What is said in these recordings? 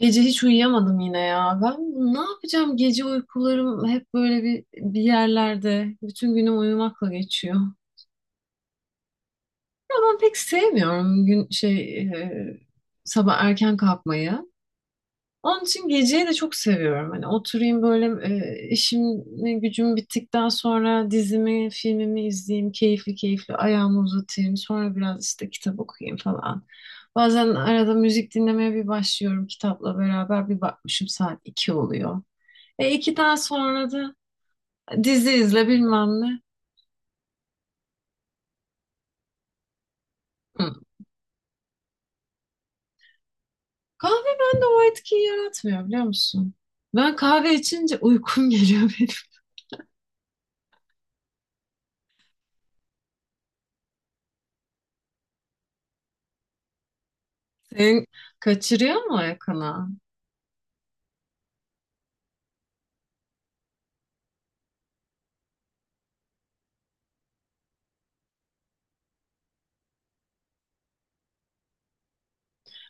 Gece hiç uyuyamadım yine ya. Ben ne yapacağım? Gece uykularım hep böyle bir yerlerde. Bütün günüm uyumakla geçiyor. Ya ben pek sevmiyorum sabah erken kalkmayı. Onun için geceyi de çok seviyorum. Hani oturayım böyle işim gücüm bittikten sonra dizimi, filmimi izleyeyim. Keyifli keyifli ayağımı uzatayım. Sonra biraz işte kitap okuyayım falan. Bazen arada müzik dinlemeye bir başlıyorum kitapla beraber. Bir bakmışım saat 2 oluyor. E 2'den sonra da dizi izle bilmem ne. Hı. Kahve bende o etkiyi yaratmıyor biliyor musun? Ben kahve içince uykum geliyor benim. Senin kaçırıyor mu yakına?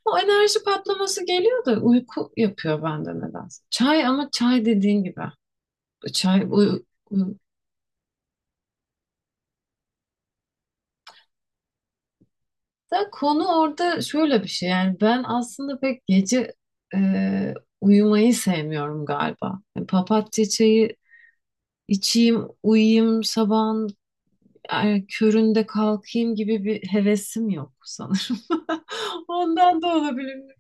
O enerji patlaması geliyor da uyku yapıyor bende nedense. Çay ama çay dediğin gibi. Çay uy, uy. Da konu orada şöyle bir şey yani ben aslında pek gece e, uyumayı sevmiyorum galiba. Yani papatya çayı içeyim, uyuyayım sabah yani köründe kalkayım gibi bir hevesim yok sanırım. Ondan da olabilir.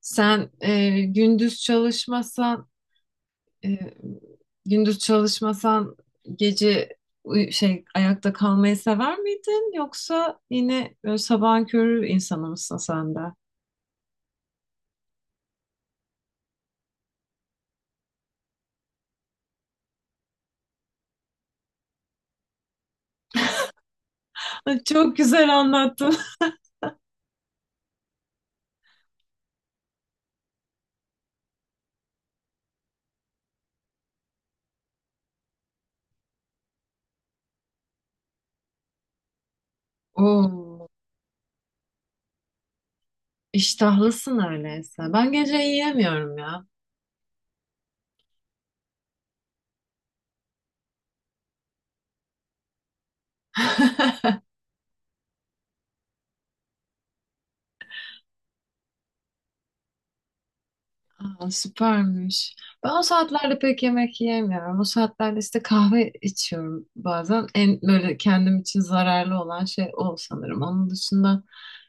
Sen gündüz çalışmasan e, gündüz çalışmasan gece ayakta kalmayı sever miydin yoksa yine böyle sabahın körü insanı mısın sen de? Ay, çok güzel anlattın. Oo, iştahlısın öyleyse. Ben gece yiyemiyorum ya. Aa, süpermiş. Ben o saatlerde pek yemek yiyemiyorum. O saatlerde işte kahve içiyorum bazen. En böyle kendim için zararlı olan şey o sanırım. Onun dışında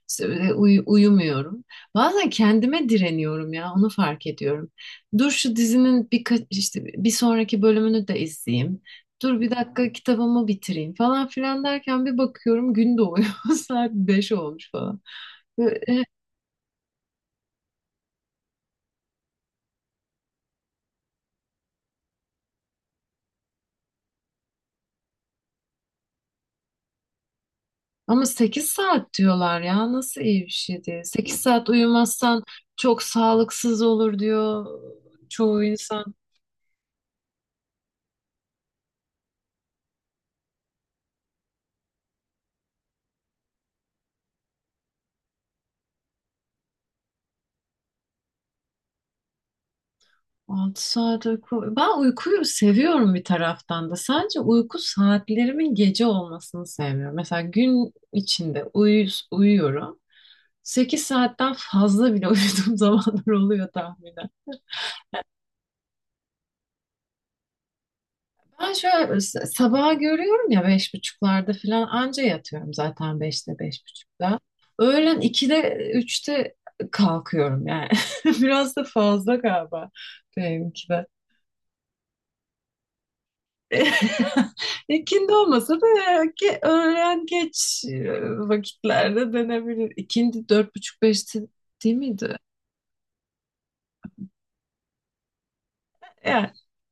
işte böyle uyumuyorum. Bazen kendime direniyorum ya onu fark ediyorum. Dur şu dizinin birkaç işte bir sonraki bölümünü de izleyeyim. Dur bir dakika kitabımı bitireyim falan filan derken bir bakıyorum gün doğuyor. Saat 5 olmuş falan. Ama 8 saat diyorlar ya nasıl iyi bir şey değil. 8 saat uyumazsan çok sağlıksız olur diyor çoğu insan. 6 saat uyku. Ben uykuyu seviyorum bir taraftan da. Sadece uyku saatlerimin gece olmasını sevmiyorum. Mesela gün içinde uyuyorum. 8 saatten fazla bile uyuduğum zamanlar oluyor tahminen. Ben şöyle sabaha görüyorum ya 5 buçuklarda falan anca yatıyorum zaten 5'te 5 buçukta. Öğlen 2'de 3'te kalkıyorum yani. Biraz da fazla galiba benimki de. İkindi olmasa da ya ki öğlen geç vakitlerde denebilir. İkindi 4 buçuk 5'ti değil miydi? Yani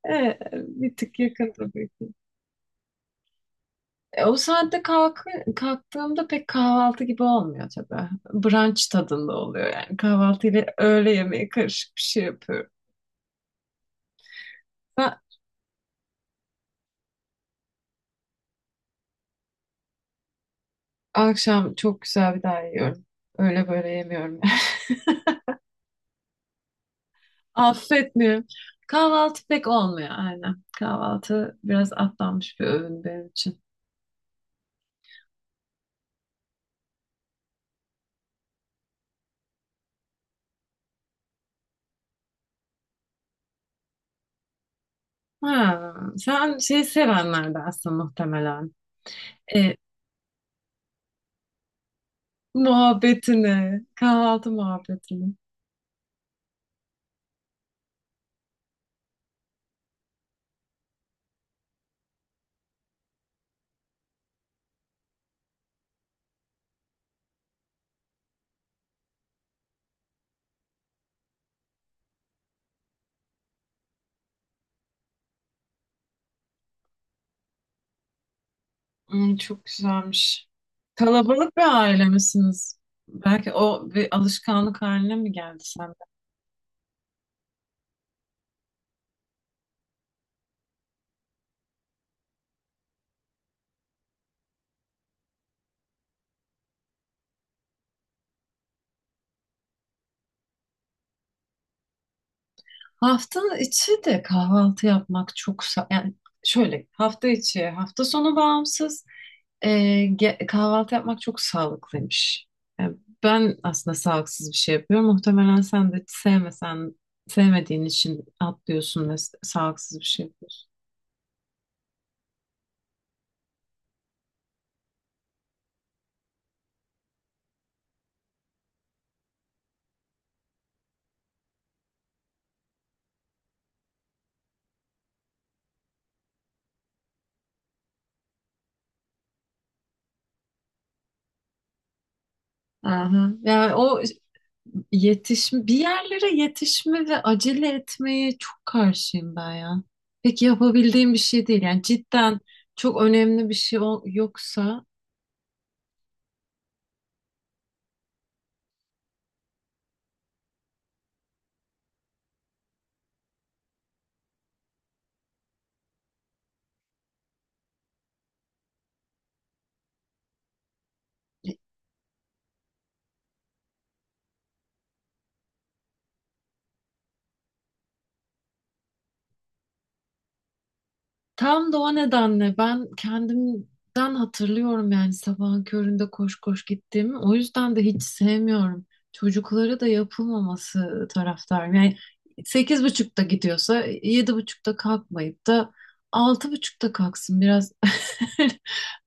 e, bir tık yakın tabii. O saatte kalktığımda pek kahvaltı gibi olmuyor tabii. Brunch tadında oluyor yani. Kahvaltı ile öğle yemeği karışık bir şey yapıyorum. Ben akşam çok güzel bir daha yiyorum. Öyle böyle yemiyorum. Affetmiyorum. Kahvaltı pek olmuyor aynen. Kahvaltı biraz atlanmış bir öğün benim için. Ha, sen şey sevenlerdensin muhtemelen. E, Muhabbetini, kahvaltı muhabbetini. Hmm, çok güzelmiş. Kalabalık bir aile misiniz? Belki o bir alışkanlık haline mi geldi sende? Hafta içi de kahvaltı yapmak çok yani şöyle hafta içi hafta sonu bağımsız e, kahvaltı yapmak çok sağlıklıymış. Yani ben aslında sağlıksız bir şey yapıyorum. Muhtemelen sen de sevmediğin için atlıyorsun ve sağlıksız bir şey yapıyorsun. Aha. Bir yerlere yetişme ve acele etmeye çok karşıyım ben ya. Peki yapabildiğim bir şey değil. Yani cidden çok önemli bir şey yoksa e, tam da o nedenle ben kendimden hatırlıyorum yani sabahın köründe koş koş gittiğimi. O yüzden de hiç sevmiyorum. Çocuklara da yapılmaması taraftarım. Yani 8 buçukta gidiyorsa 7 buçukta kalkmayıp da 6 buçukta kalksın. Biraz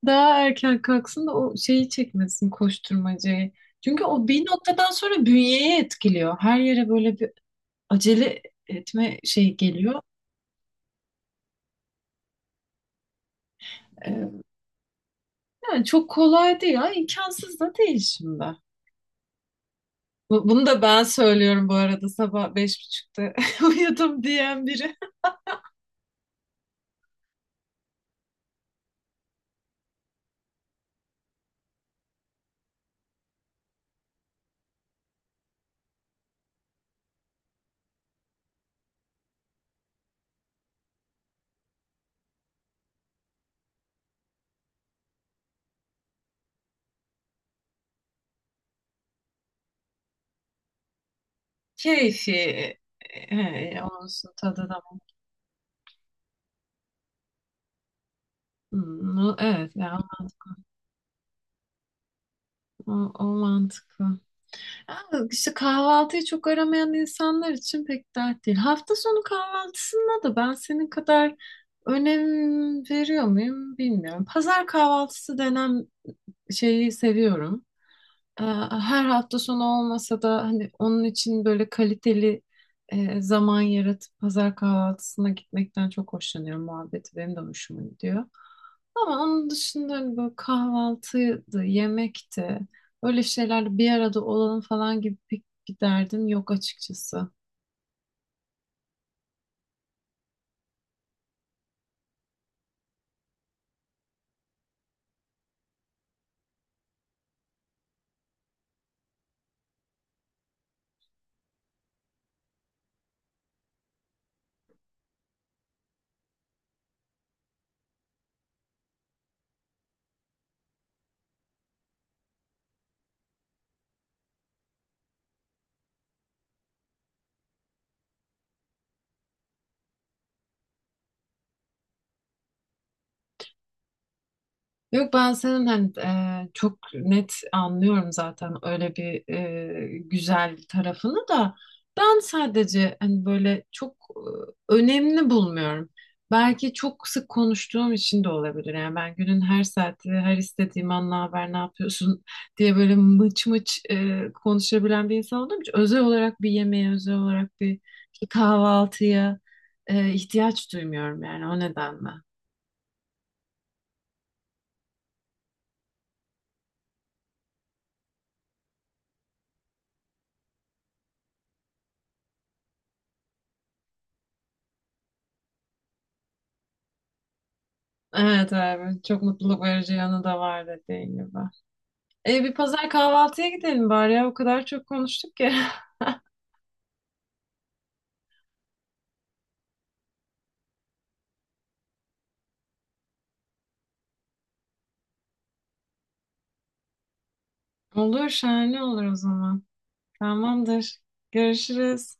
daha erken kalksın da o şeyi çekmesin koşturmacayı. Çünkü o bir noktadan sonra bünyeye etkiliyor. Her yere böyle bir acele etme şeyi geliyor. Ee, Yani çok kolay değil ama imkansız da değil şimdi. Bunu da ben söylüyorum bu arada sabah 5 buçukta uyudum diyen biri. Keyfi olsun tadı da. Hmm, evet ya o, o mantıklı. Ha, İşte kahvaltıyı çok aramayan insanlar için pek dert değil. Hafta sonu kahvaltısında da ben senin kadar önem veriyor muyum bilmiyorum. Pazar kahvaltısı denen şeyi seviyorum. Ee, Her hafta sonu olmasa da hani onun için böyle kaliteli zaman yaratıp pazar kahvaltısına gitmekten çok hoşlanıyorum. Muhabbeti benim de hoşuma gidiyor. Ama onun dışında hani böyle kahvaltıydı, yemekti. Öyle şeylerle bir arada olalım falan gibi pek bir derdim yok açıkçası. Yok ben senin hani çok net anlıyorum zaten öyle bir güzel tarafını da ben sadece hani böyle çok önemli bulmuyorum. Belki çok sık konuştuğum için de olabilir. Yani ben günün her saati, her istediğim an ne haber, ne yapıyorsun diye böyle mıç mıç konuşabilen bir insan olduğum için özel olarak bir yemeğe, özel olarak bir kahvaltıya ihtiyaç duymuyorum yani o nedenle. Evet abi çok mutluluk verici yanı da var dediğin gibi. Bir pazar kahvaltıya gidelim bari ya o kadar çok konuştuk ki. Olur şahane olur o zaman. Tamamdır. Görüşürüz.